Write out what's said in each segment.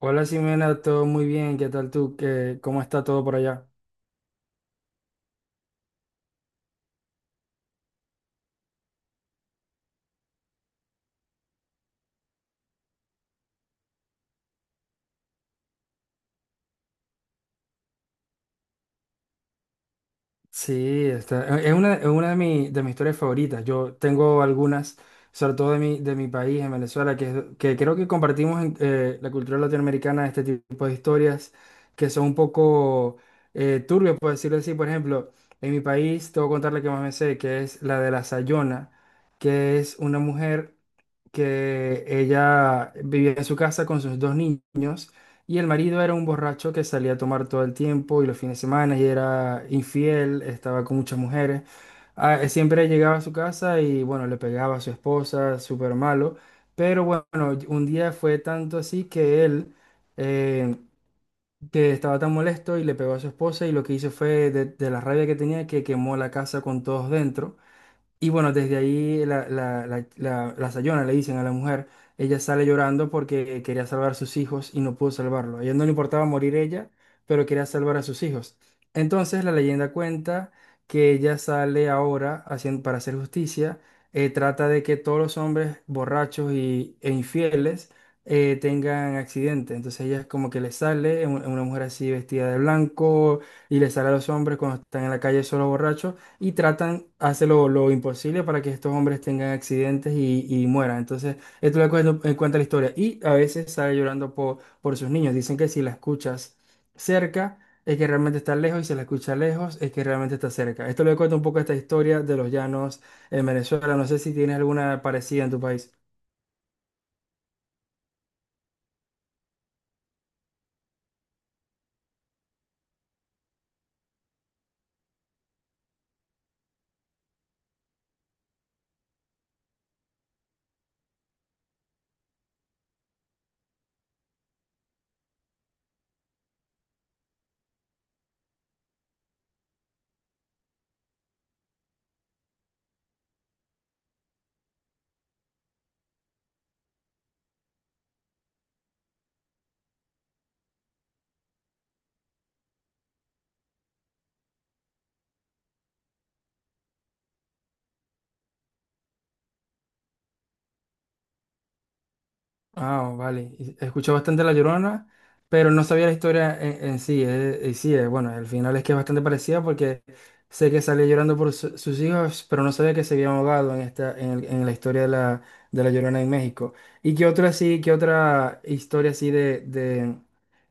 Hola Simena, todo muy bien, ¿qué tal tú? ¿Qué, cómo está todo por allá? Sí, está, es una de, de mis historias favoritas. Yo tengo algunas, sobre todo de mi país, en Venezuela, que, que creo que compartimos en la cultura latinoamericana este tipo de historias que son un poco turbias, por decirlo así. Por ejemplo, en mi país, te voy a contar la que más me sé, que es la de la Sayona, que es una mujer que ella vivía en su casa con sus dos niños. Y el marido era un borracho que salía a tomar todo el tiempo y los fines de semana y era infiel, estaba con muchas mujeres. Siempre llegaba a su casa y bueno, le pegaba a su esposa, súper malo. Pero bueno, un día fue tanto así que él, eh, que estaba tan molesto y le pegó a su esposa y lo que hizo fue de la rabia que tenía que quemó la casa con todos dentro. Y bueno, desde ahí la Sayona le dicen a la mujer, ella sale llorando porque quería salvar a sus hijos y no pudo salvarlo. A ella no le importaba morir ella, pero quería salvar a sus hijos. Entonces la leyenda cuenta que ella sale ahora haciendo, para hacer justicia, trata de que todos los hombres borrachos y, e infieles tengan accidentes. Entonces ella es como que le sale, es una mujer así vestida de blanco, y le sale a los hombres cuando están en la calle solo borrachos y tratan, hace lo imposible para que estos hombres tengan accidentes y mueran. Entonces, cuenta la historia. Y a veces sale llorando por sus niños. Dicen que si la escuchas cerca, es que realmente está lejos, y si la escuchas lejos, es que realmente está cerca. Esto le cuento un poco esta historia de los llanos en Venezuela. No sé si tienes alguna parecida en tu país. Ah, oh, vale. Y escuché bastante La Llorona, pero no sabía la historia en sí. Y sí, bueno, el final es que es bastante parecida porque sé que sale llorando por sus hijos, pero no sabía que se había ahogado en esta, en, en la historia de La Llorona en México. ¿Y qué otra sí, qué otra historia así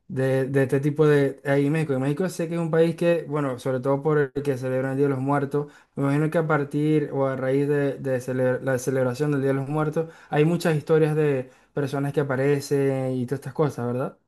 de este tipo de ahí en México? En México sé que es un país que, bueno, sobre todo por el que celebran el Día de los Muertos, me imagino que a partir o a raíz de, la celebración del Día de los Muertos hay muchas historias de personas que aparecen y todas estas cosas, ¿verdad?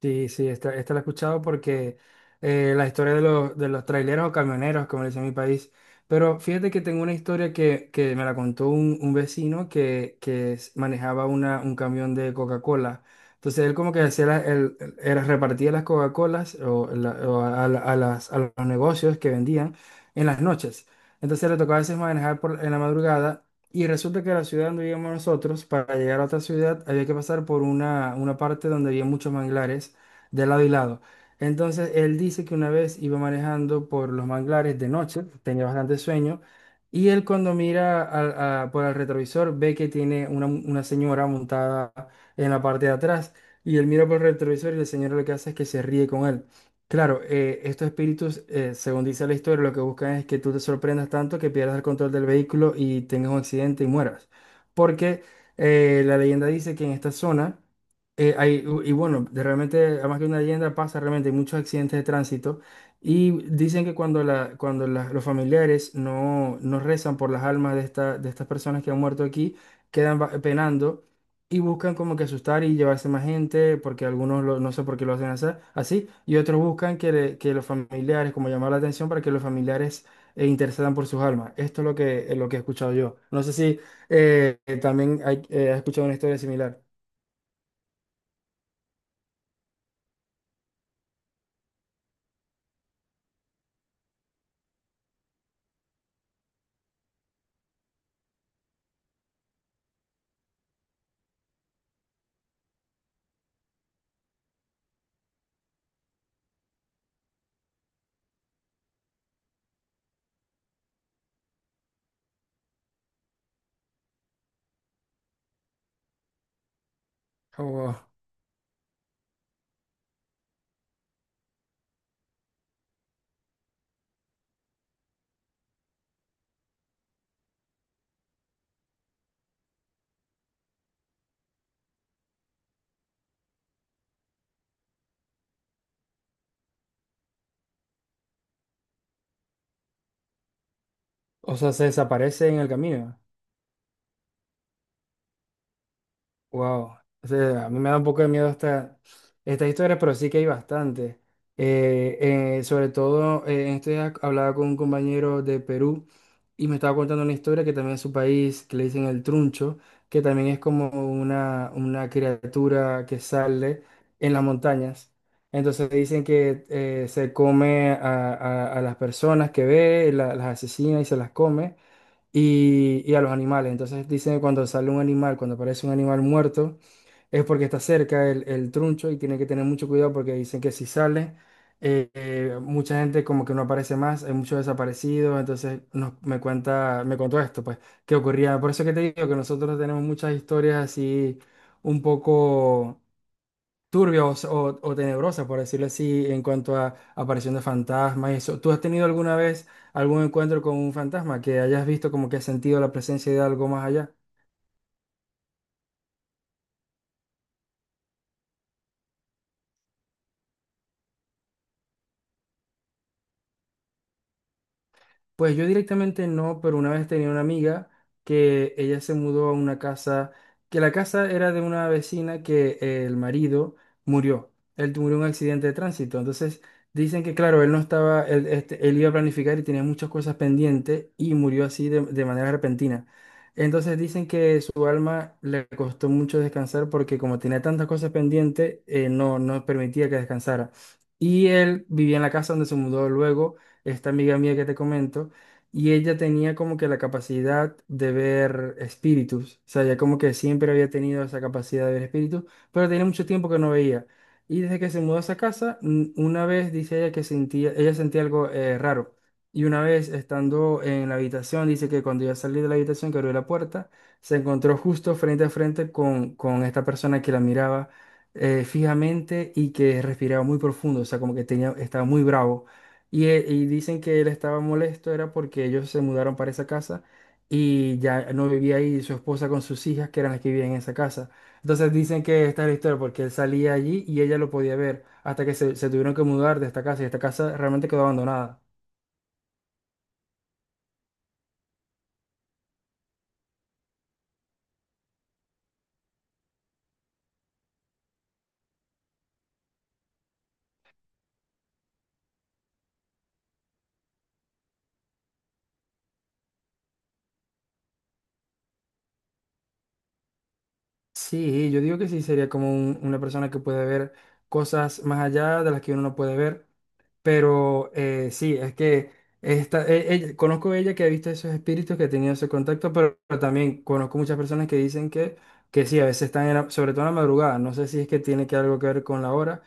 Sí, sí, esta la he escuchado porque la historia de los traileros o camioneros, como le dicen en mi país. Pero fíjate que tengo una historia que me la contó un vecino que, manejaba un camión de Coca-Cola. Entonces él como que hacía la- el- era- repartía las Coca-Colas o, la- o a, la- a las, a los negocios que vendían en las noches. Entonces le tocaba a veces manejar por, en la madrugada y resulta que la ciudad donde vivíamos nosotros, para llegar a otra ciudad, había que pasar por una parte donde había muchos manglares de lado y lado. Entonces, él dice que una vez iba manejando por los manglares de noche, tenía bastante sueño, y él cuando mira por el retrovisor ve que tiene una señora montada en la parte de atrás, y él mira por el retrovisor y la señora lo que hace es que se ríe con él. Claro, estos espíritus, según dice la historia, lo que buscan es que tú te sorprendas tanto que pierdas el control del vehículo y tengas un accidente y mueras. Porque la leyenda dice que en esta zona eh, hay, y bueno, de realmente, además que una leyenda pasa, realmente hay muchos accidentes de tránsito y dicen que cuando, cuando los familiares no, no rezan por las almas de, esta, de estas personas que han muerto aquí, quedan penando y buscan como que asustar y llevarse más gente, porque no sé por qué lo hacen así, así, y otros buscan que, que los familiares, como llamar la atención para que los familiares intercedan por sus almas. Esto es lo que he escuchado yo. No sé si también has escuchado una historia similar. Oh, wow. O sea, se desaparece en el camino. Wow. O sea, a mí me da un poco de miedo esta, esta historia, pero sí que hay bastante. Sobre todo, en estos días hablaba con un compañero de Perú y me estaba contando una historia que también es su país, que le dicen el truncho, que también es como una criatura que sale en las montañas. Entonces dicen que se come a las personas que ve, las asesina y se las come. Y, y a los animales. Entonces dicen que cuando sale un animal, cuando aparece un animal muerto, es porque está cerca el truncho y tienen que tener mucho cuidado porque dicen que si sale, mucha gente como que no aparece más, hay muchos desaparecidos, entonces me contó esto, pues, qué ocurría. Por eso que te digo que nosotros tenemos muchas historias así un poco turbia o, o tenebrosa, por decirlo así, en cuanto a aparición de fantasmas y eso. ¿Tú has tenido alguna vez algún encuentro con un fantasma que hayas visto como que has sentido la presencia de algo más allá? Pues yo directamente no, pero una vez tenía una amiga que ella se mudó a una casa, que la casa era de una vecina que el marido murió. Él murió en un accidente de tránsito. Entonces dicen que, claro, él no estaba, él, este, él iba a planificar y tenía muchas cosas pendientes y murió así de manera repentina. Entonces dicen que su alma le costó mucho descansar porque como tenía tantas cosas pendientes, no permitía que descansara. Y él vivía en la casa donde se mudó luego esta amiga mía que te comento, y ella tenía como que la capacidad de ver espíritus, o sea, ella como que siempre había tenido esa capacidad de ver espíritus, pero tenía mucho tiempo que no veía. Y desde que se mudó a esa casa, una vez dice ella que sentía, ella sentía algo raro. Y una vez estando en la habitación, dice que cuando iba a salir de la habitación, que abrió la puerta, se encontró justo frente a frente con esta persona que la miraba fijamente y que respiraba muy profundo, o sea, como que tenía, estaba muy bravo. Y, y dicen que él estaba molesto, era porque ellos se mudaron para esa casa y ya no vivía ahí su esposa con sus hijas, que eran las que vivían en esa casa. Entonces dicen que esta es la historia, porque él salía allí y ella lo podía ver, hasta que se tuvieron que mudar de esta casa y esta casa realmente quedó abandonada. Sí, yo digo que sí, sería como una persona que puede ver cosas más allá de las que uno no puede ver. Pero sí, es que esta, conozco a ella que ha visto esos espíritus, que ha tenido ese contacto, pero también conozco muchas personas que dicen que sí, a veces están, en sobre todo en la madrugada, no sé si es que tiene que algo que ver con la hora,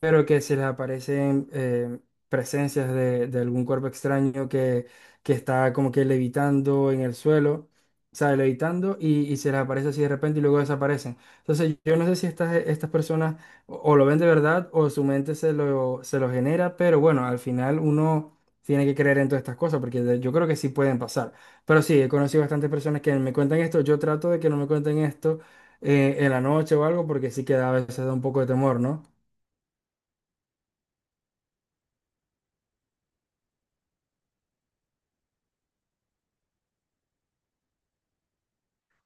pero que si les aparecen presencias de algún cuerpo extraño que está como que levitando en el suelo, o sea, levitando y se les aparece así de repente y luego desaparecen. Entonces yo no sé si estas, estas personas o lo ven de verdad o su mente se lo genera, pero bueno, al final uno tiene que creer en todas estas cosas porque yo creo que sí pueden pasar. Pero sí, he conocido bastantes personas que me cuentan esto, yo trato de que no me cuenten esto. En la noche o algo, porque sí que a veces da un poco de temor, ¿no?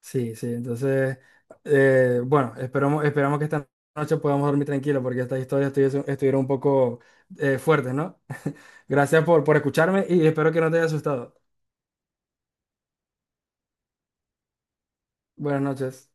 Sí, sí, entonces, bueno, esperamos, esperamos que esta noche podamos dormir tranquilo porque estas historias estuvieron un poco fuertes, ¿no? Gracias por escucharme y espero que no te haya asustado. Buenas noches.